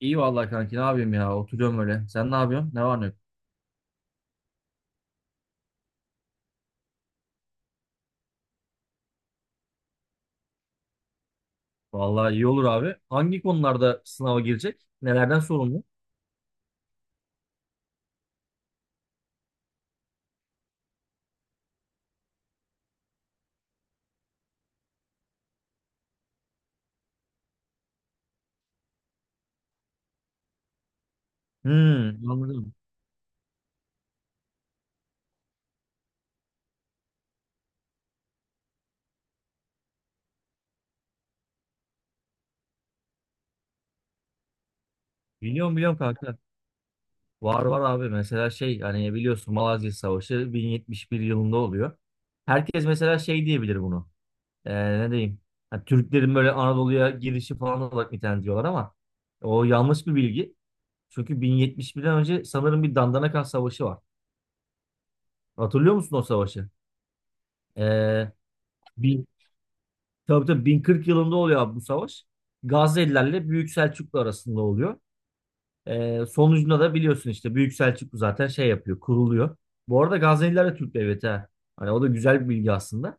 İyi vallahi kanki ne yapayım ya oturuyorum öyle. Sen ne yapıyorsun? Ne var ne yok? Vallahi iyi olur abi. Hangi konularda sınava girecek? Nelerden sorumlu? Hmm, anladım. Biliyorum biliyorum kanka. Var var abi mesela şey hani biliyorsun Malazgirt Savaşı 1071 yılında oluyor. Herkes mesela şey diyebilir bunu. Ne diyeyim? Ha, Türklerin böyle Anadolu'ya girişi falan olarak nitelendiriyorlar ama o yanlış bir bilgi. Çünkü 1071'den önce sanırım bir Dandanakan Savaşı var. Hatırlıyor musun o savaşı? Ee, Tabii tabii 1040 yılında oluyor abi bu savaş. Gazze'lilerle Büyük Selçuklu arasında oluyor. Sonucunda da biliyorsun işte Büyük Selçuklu zaten şey yapıyor, kuruluyor. Bu arada Gazze'liler de Türk devleti ha. Hani o da güzel bir bilgi aslında.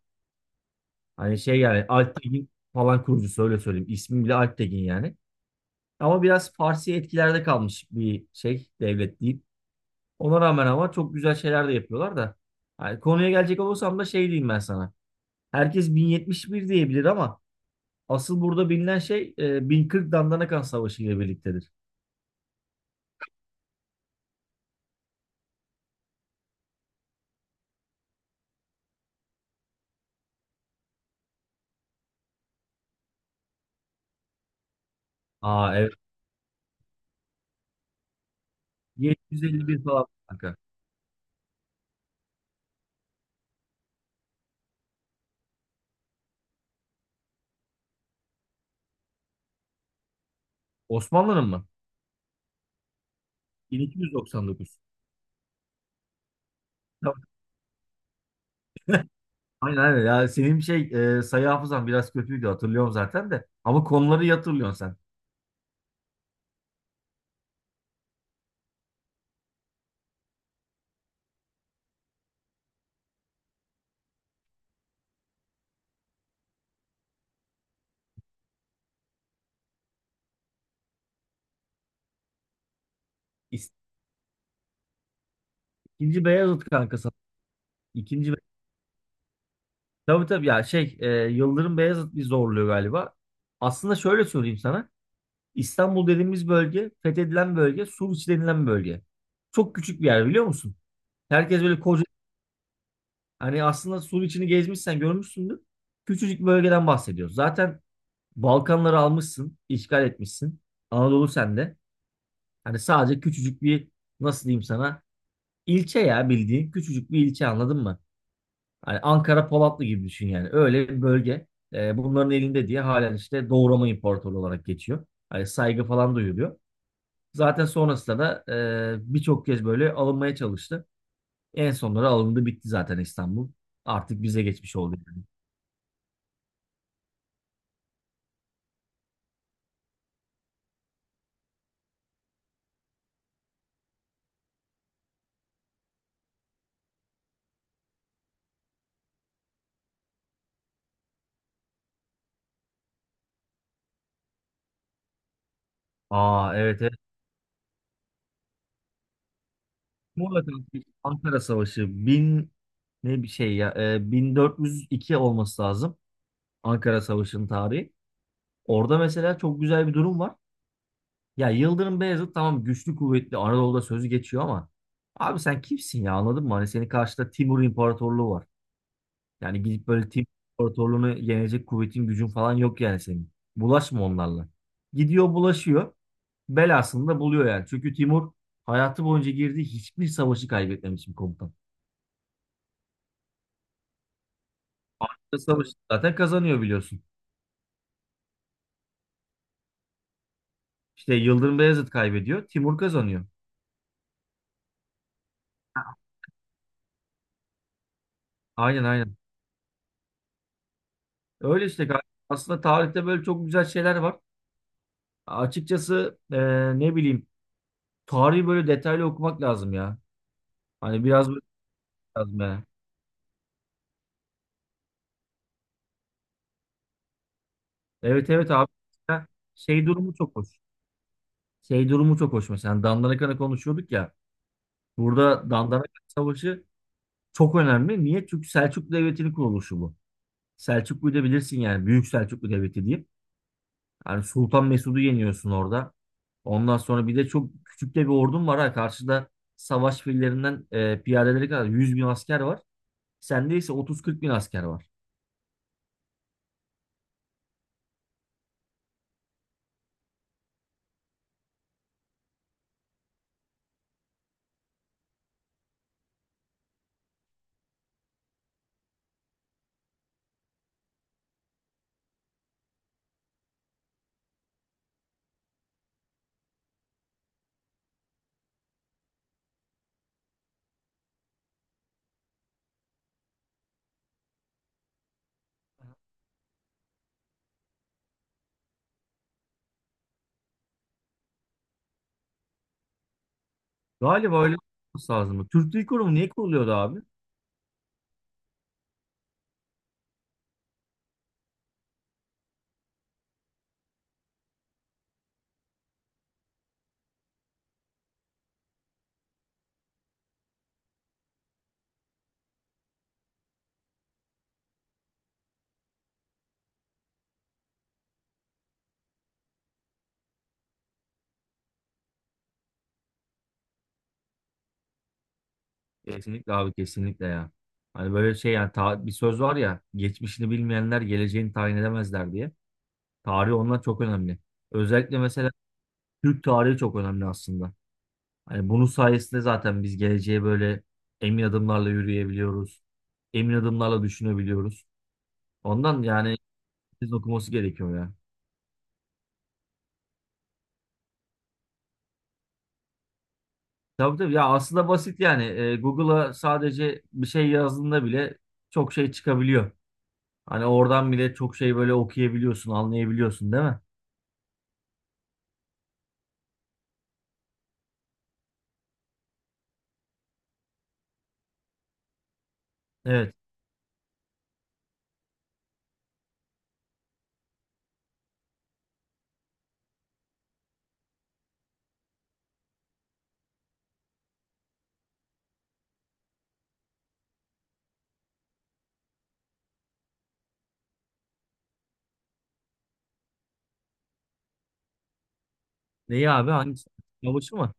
Hani şey yani Alptekin falan kurucusu öyle söyleyeyim. İsmi bile Alptekin yani. Ama biraz Farsi etkilerde kalmış bir şey devlet deyip. Ona rağmen ama çok güzel şeyler de yapıyorlar da. Hani konuya gelecek olursam da şey diyeyim ben sana. Herkes 1071 diyebilir ama asıl burada bilinen şey 1040 Dandanakan Savaşı ile birliktedir. Aa, evet. 751 falan kanka. Osmanlı'nın mı? 1299. Tamam. Aynen aynen. Ya senin şey sayı hafızan biraz kötüydü hatırlıyorum zaten de. Ama konuları iyi hatırlıyorsun sen. İs- İkinci Beyazıt kanka sana. İkinci Be- Tabii tabii ya şey Yıldırım Beyazıt bir zorluyor galiba. Aslında şöyle söyleyeyim sana. İstanbul dediğimiz bölge, fethedilen bölge, Suriç denilen bölge. Çok küçük bir yer biliyor musun? Herkes böyle koca. Hani aslında sur içini gezmişsen görmüşsündür. Küçücük bir bölgeden bahsediyoruz. Zaten Balkanları almışsın, işgal etmişsin. Anadolu sende. Hani sadece küçücük bir, nasıl diyeyim sana, ilçe ya bildiğin küçücük bir ilçe, anladın mı? Hani Ankara Polatlı gibi düşün yani. Öyle bir bölge. Bunların elinde diye halen işte Doğu Roma İmparatorluğu olarak geçiyor. Hani saygı falan duyuluyor. Zaten sonrasında da birçok kez böyle alınmaya çalıştı. En sonları alındı, bitti zaten İstanbul. Artık bize geçmiş oldu yani. Aa, evet evet. Ankara Savaşı bin ne bir şey ya 1402 olması lazım Ankara Savaşı'nın tarihi. Orada mesela çok güzel bir durum var. Ya Yıldırım Beyazıt tamam, güçlü kuvvetli Anadolu'da sözü geçiyor ama abi sen kimsin ya, anladın mı? Hani senin karşıda Timur İmparatorluğu var. Yani gidip böyle Timur İmparatorluğunu yenecek kuvvetin gücün falan yok yani senin. Bulaşma onlarla. Gidiyor bulaşıyor. Belasını da buluyor yani. Çünkü Timur hayatı boyunca girdiği hiçbir savaşı kaybetmemiş bir komutan. Savaşı zaten kazanıyor biliyorsun. İşte Yıldırım Beyazıt kaybediyor, Timur kazanıyor. Aynen aynen. Öyle işte galiba. Aslında tarihte böyle çok güzel şeyler var. Açıkçası ne bileyim, tarihi böyle detaylı okumak lazım ya. Hani biraz böyle lazım ya. Evet evet abi. Mesela şey durumu çok hoş. Şey durumu çok hoş mesela. Dandanakan'ı konuşuyorduk ya. Burada Dandanakan Savaşı çok önemli. Niye? Çünkü Selçuklu Devleti'nin kuruluşu bu. Selçuklu'yu da bilirsin yani. Büyük Selçuklu Devleti diyeyim. Yani Sultan Mesud'u yeniyorsun orada. Ondan sonra bir de çok küçük de bir ordun var ha. Karşıda savaş fillerinden piyadeleri kadar 100 bin asker var. Sende ise 30-40 bin asker var. Galiba öyle olması lazım. Türk Dil Kurumu niye kuruluyordu abi? Kesinlikle abi, kesinlikle ya. Hani böyle şey yani, bir söz var ya, geçmişini bilmeyenler geleceğini tayin edemezler diye. Tarih, onlar çok önemli. Özellikle mesela Türk tarihi çok önemli aslında. Hani bunun sayesinde zaten biz geleceğe böyle emin adımlarla yürüyebiliyoruz. Emin adımlarla düşünebiliyoruz. Ondan yani biz okuması gerekiyor ya. Tabii tabii ya, aslında basit yani. Google'a sadece bir şey yazdığında bile çok şey çıkabiliyor. Hani oradan bile çok şey böyle okuyabiliyorsun, anlayabiliyorsun değil mi? Evet. Neyi abi? Hangisi? Savaşı mı?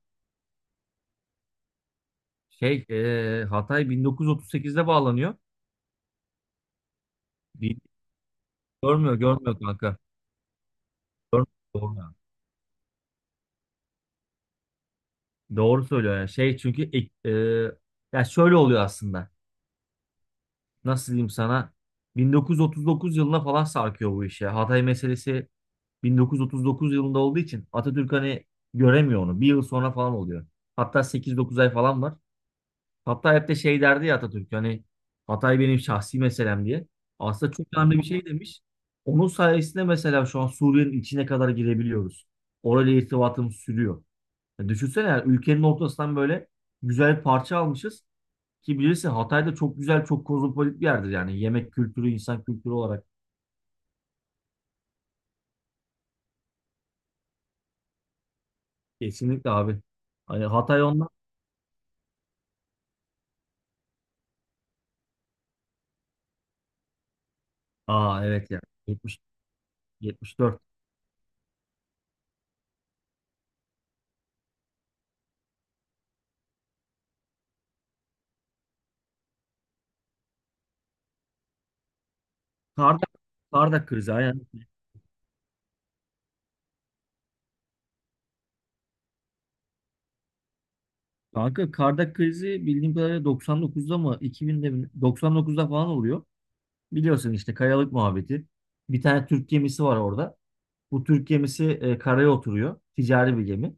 Hatay 1938'de bağlanıyor. Bil- Görmüyor, görmüyor kanka. Görmüyor. Doğru söylüyor ya. Şey çünkü ya şöyle oluyor aslında. Nasıl diyeyim sana? 1939 yılına falan sarkıyor bu iş ya. Hatay meselesi 1939 yılında olduğu için Atatürk hani göremiyor onu. Bir yıl sonra falan oluyor. Hatta 8-9 ay falan var. Hatta hep de şey derdi ya Atatürk, hani Hatay benim şahsi meselem diye. Aslında çok önemli bir şey demiş. Onun sayesinde mesela şu an Suriye'nin içine kadar girebiliyoruz. Orayla irtibatımız sürüyor. Ya düşünsene yani, ülkenin ortasından böyle güzel bir parça almışız. Ki bilirsin Hatay da çok güzel, çok kozmopolit bir yerdir yani. Yemek kültürü, insan kültürü olarak. Kesinlikle abi. Hani Hatay ondan. Aa, evet ya. 70, 74. Kardak, Kardak krizi aynen. Kanka Kardak krizi bildiğim kadarıyla 99'da mı 2000'de mi, 99'da falan oluyor. Biliyorsun işte kayalık muhabbeti. Bir tane Türk gemisi var orada. Bu Türk gemisi karaya oturuyor. Ticari bir gemi.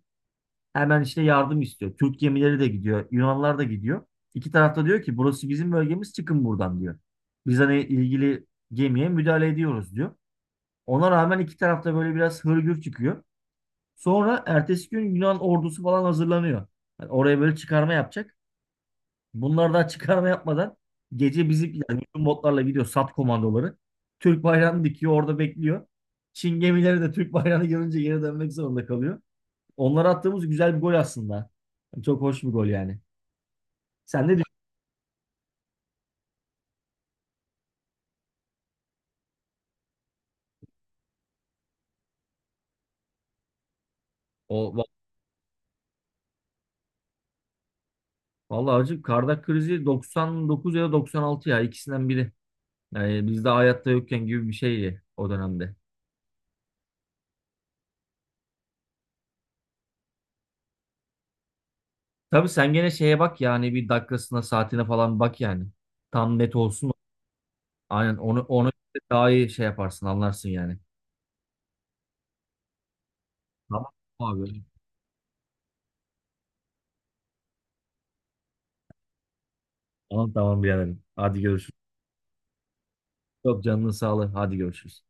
Hemen işte yardım istiyor. Türk gemileri de gidiyor, Yunanlar da gidiyor. İki tarafta diyor ki burası bizim bölgemiz, çıkın buradan diyor. Biz hani ilgili gemiye müdahale ediyoruz diyor. Ona rağmen iki tarafta böyle biraz hırgür çıkıyor. Sonra ertesi gün Yunan ordusu falan hazırlanıyor. Yani oraya böyle çıkarma yapacak. Bunlar da çıkarma yapmadan gece bizimkiler bütün botlarla gidiyor, sat komandoları. Türk bayrağını dikiyor, orada bekliyor. Çin gemileri de Türk bayrağını görünce geri dönmek zorunda kalıyor. Onlara attığımız güzel bir gol aslında. Çok hoş bir gol yani. Sen ne düşünüyorsun? O va- Vallahi hacı, Kardak krizi 99 ya da 96 ya, ikisinden biri. Yani biz de hayatta yokken gibi bir şeydi o dönemde. Tabii sen gene şeye bak yani, bir dakikasına saatine falan bak yani. Tam net olsun. Aynen, onu daha iyi şey yaparsın anlarsın yani. Tamam abi. Tamam tamam biraderim. Hadi görüşürüz. Çok canının sağlığı. Hadi görüşürüz.